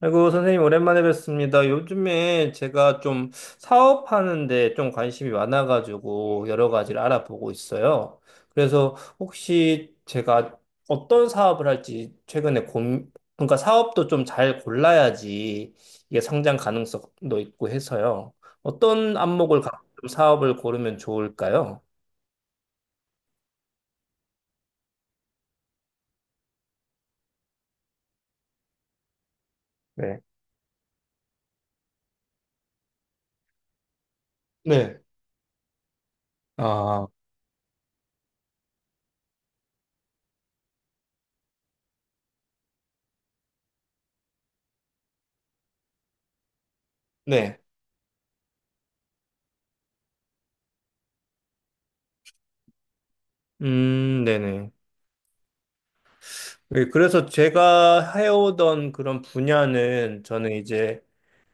아이고, 선생님, 오랜만에 뵙습니다. 요즘에 제가 좀 사업하는데 좀 관심이 많아가지고 여러 가지를 알아보고 있어요. 그래서 혹시 제가 어떤 사업을 할지 최근에 그러니까 사업도 좀 잘 골라야지 이게 성장 가능성도 있고 해서요. 어떤 안목을 갖고 좀 사업을 고르면 좋을까요? 네. 네. 아, 네. 네네. 예, 그래서 제가 해오던 그런 분야는 저는 이제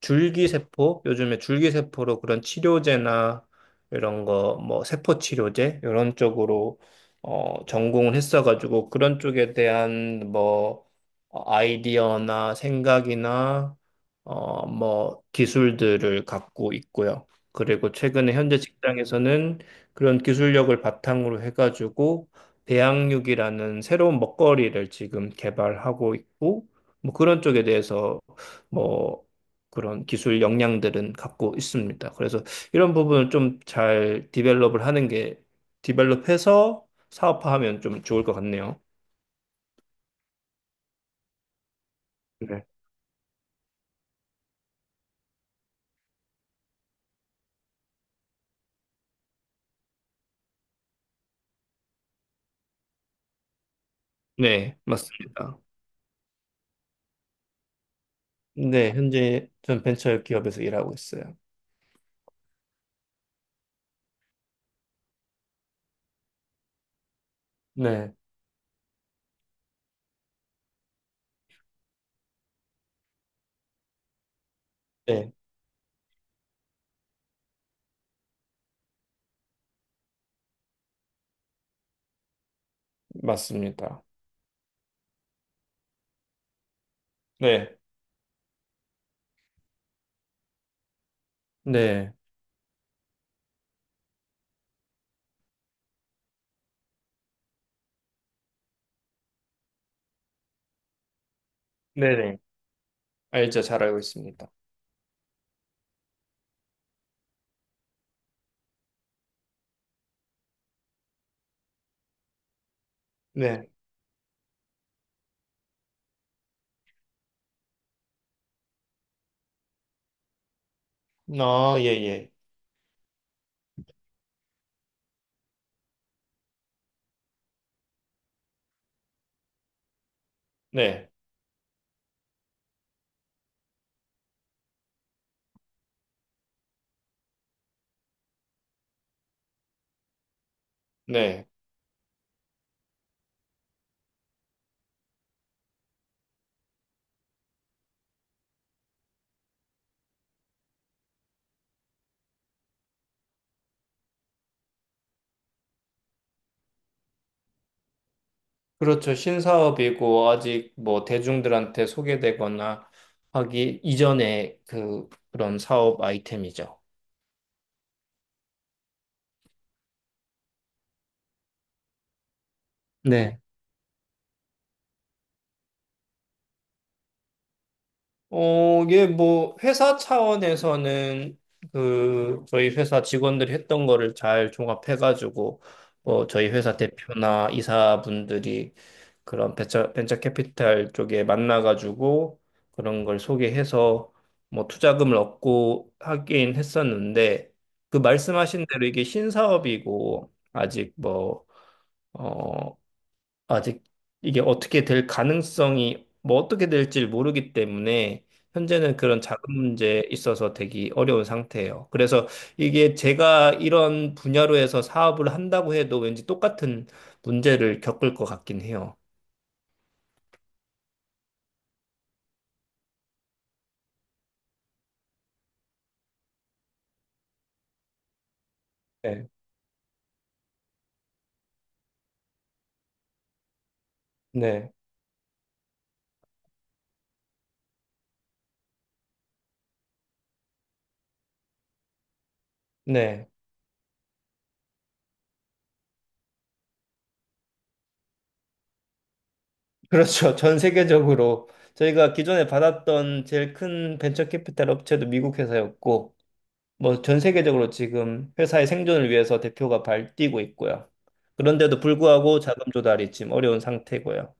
줄기세포, 요즘에 줄기세포로 그런 치료제나 이런 거, 뭐 세포치료제 이런 쪽으로 전공을 했어가지고 그런 쪽에 대한 뭐 아이디어나 생각이나 뭐 기술들을 갖고 있고요. 그리고 최근에 현재 직장에서는 그런 기술력을 바탕으로 해가지고 배양육이라는 새로운 먹거리를 지금 개발하고 있고, 뭐 그런 쪽에 대해서 뭐 그런 기술 역량들은 갖고 있습니다. 그래서 이런 부분을 좀 잘 디벨롭을 하는 게, 디벨롭해서 사업화하면 좀 좋을 것 같네요. 네. 네, 맞습니다. 네, 현재 전 벤처 기업에서 일하고 있어요. 네, 네, 맞습니다. 네, 네, 네네. 알죠, 잘 알고 있습니다. 네, 아, 예, 예. 네. 네. 그렇죠. 신사업이고 아직 뭐 대중들한테 소개되거나 하기 이전에 그 그런 사업 아이템이죠. 네. 이게 뭐 회사 차원에서는 그 저희 회사 직원들이 했던 거를 잘 종합해가지고 뭐 저희 회사 대표나 이사분들이 그런 벤처 캐피탈 쪽에 만나가지고 그런 걸 소개해서 뭐 투자금을 얻고 하긴 했었는데 그 말씀하신 대로 이게 신사업이고 아직 뭐어 아직 이게 어떻게 될 가능성이 뭐 어떻게 될지 모르기 때문에 현재는 그런 자금 문제에 있어서 되게 어려운 상태예요. 그래서 이게 제가 이런 분야로 해서 사업을 한다고 해도 왠지 똑같은 문제를 겪을 것 같긴 해요. 네, 네, 네. 그렇죠. 전 세계적으로 저희가 기존에 받았던 제일 큰 벤처 캐피탈 업체도 미국 회사였고 뭐 전 세계적으로 지금 회사의 생존을 위해서 대표가 발뛰고 있고요. 그런데도 불구하고 자금 조달이 지금 어려운 상태고요.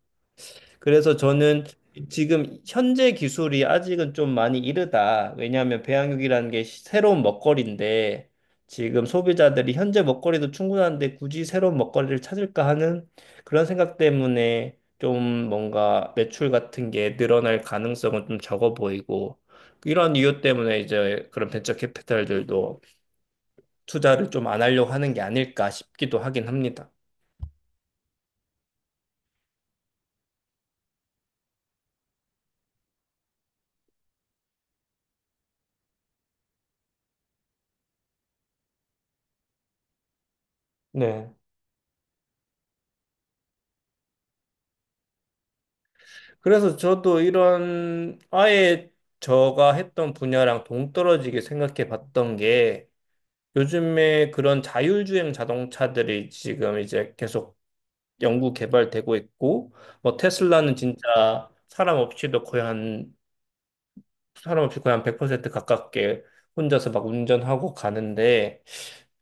그래서 저는 지금 현재 기술이 아직은 좀 많이 이르다. 왜냐하면 배양육이라는 게 새로운 먹거리인데 지금 소비자들이 현재 먹거리도 충분한데 굳이 새로운 먹거리를 찾을까 하는 그런 생각 때문에 좀 뭔가 매출 같은 게 늘어날 가능성은 좀 적어 보이고 이런 이유 때문에 이제 그런 벤처 캐피탈들도 투자를 좀 안 하려고 하는 게 아닐까 싶기도 하긴 합니다. 네. 그래서 저도 이런 아예 제가 했던 분야랑 동떨어지게 생각해 봤던 게 요즘에 그런 자율주행 자동차들이 지금 이제 계속 연구 개발되고 있고 뭐 테슬라는 진짜 사람 없이도 거의 한 사람없이 거의 한100% 가깝게 혼자서 막 운전하고 가는데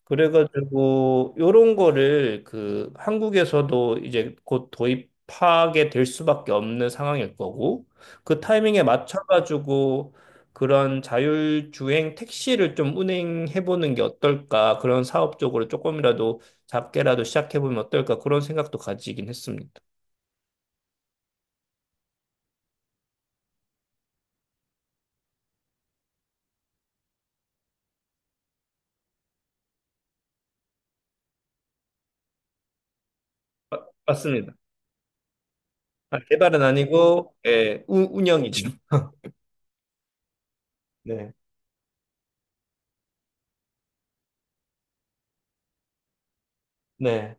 그래가지고 요런 거를 그 한국에서도 이제 곧 도입하게 될 수밖에 없는 상황일 거고 그 타이밍에 맞춰가지고 그런 자율주행 택시를 좀 운행해보는 게 어떨까 그런 사업 쪽으로 조금이라도 작게라도 시작해보면 어떨까 그런 생각도 가지긴 했습니다. 맞습니다. 아, 개발은 아니고 예, 운영이죠. 네. 네.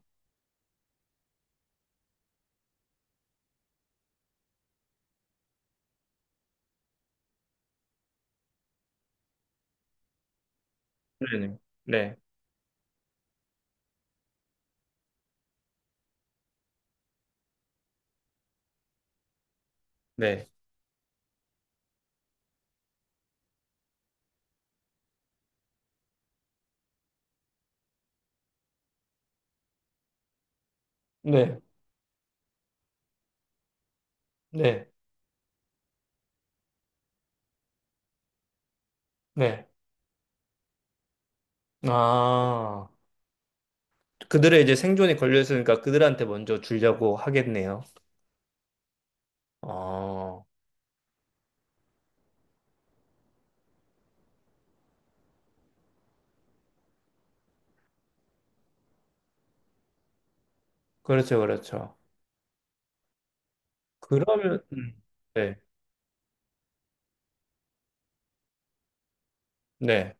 네네. 네, 네, 네, 네, 네. 아, 그들의 이제 생존이 걸려 있으니까 그들한테 먼저 주려고 하겠네요. 어, 그렇죠, 그렇죠. 그러면, 음, 네, 네,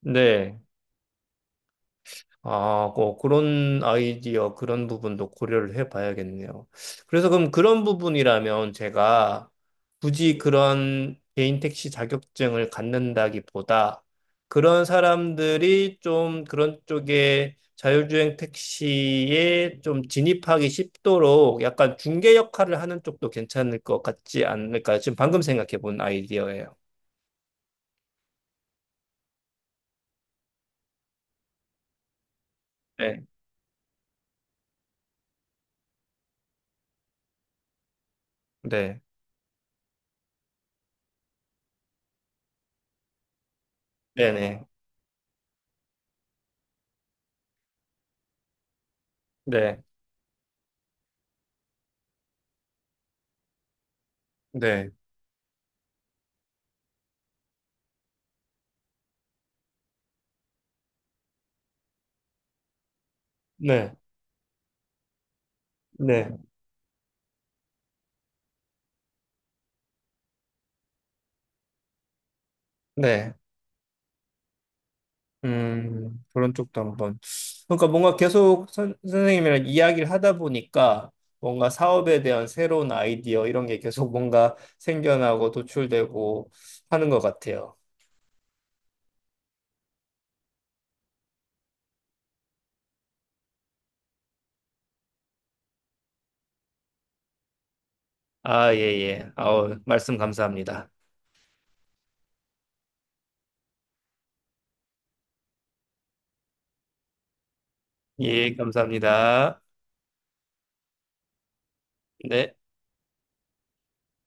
네. 아, 뭐 그런 아이디어, 그런 부분도 고려를 해봐야겠네요. 그래서 그럼 그런 부분이라면 제가 굳이 그런 개인 택시 자격증을 갖는다기보다 그런 사람들이 좀 그런 쪽에 자율주행 택시에 좀 진입하기 쉽도록 약간 중개 역할을 하는 쪽도 괜찮을 것 같지 않을까? 지금 방금 생각해 본 아이디어예요. 네, 네, 네, 네, 네, 네, 네, 네. 그런 쪽도 한번. 그러니까 뭔가 계속 선생님이랑 이야기를 하다 보니까 뭔가 사업에 대한 새로운 아이디어 이런 게 계속 뭔가 생겨나고 도출되고 하는 것 같아요. 아, 예, 예. 아우, 말씀 감사합니다. 예, 감사합니다. 네.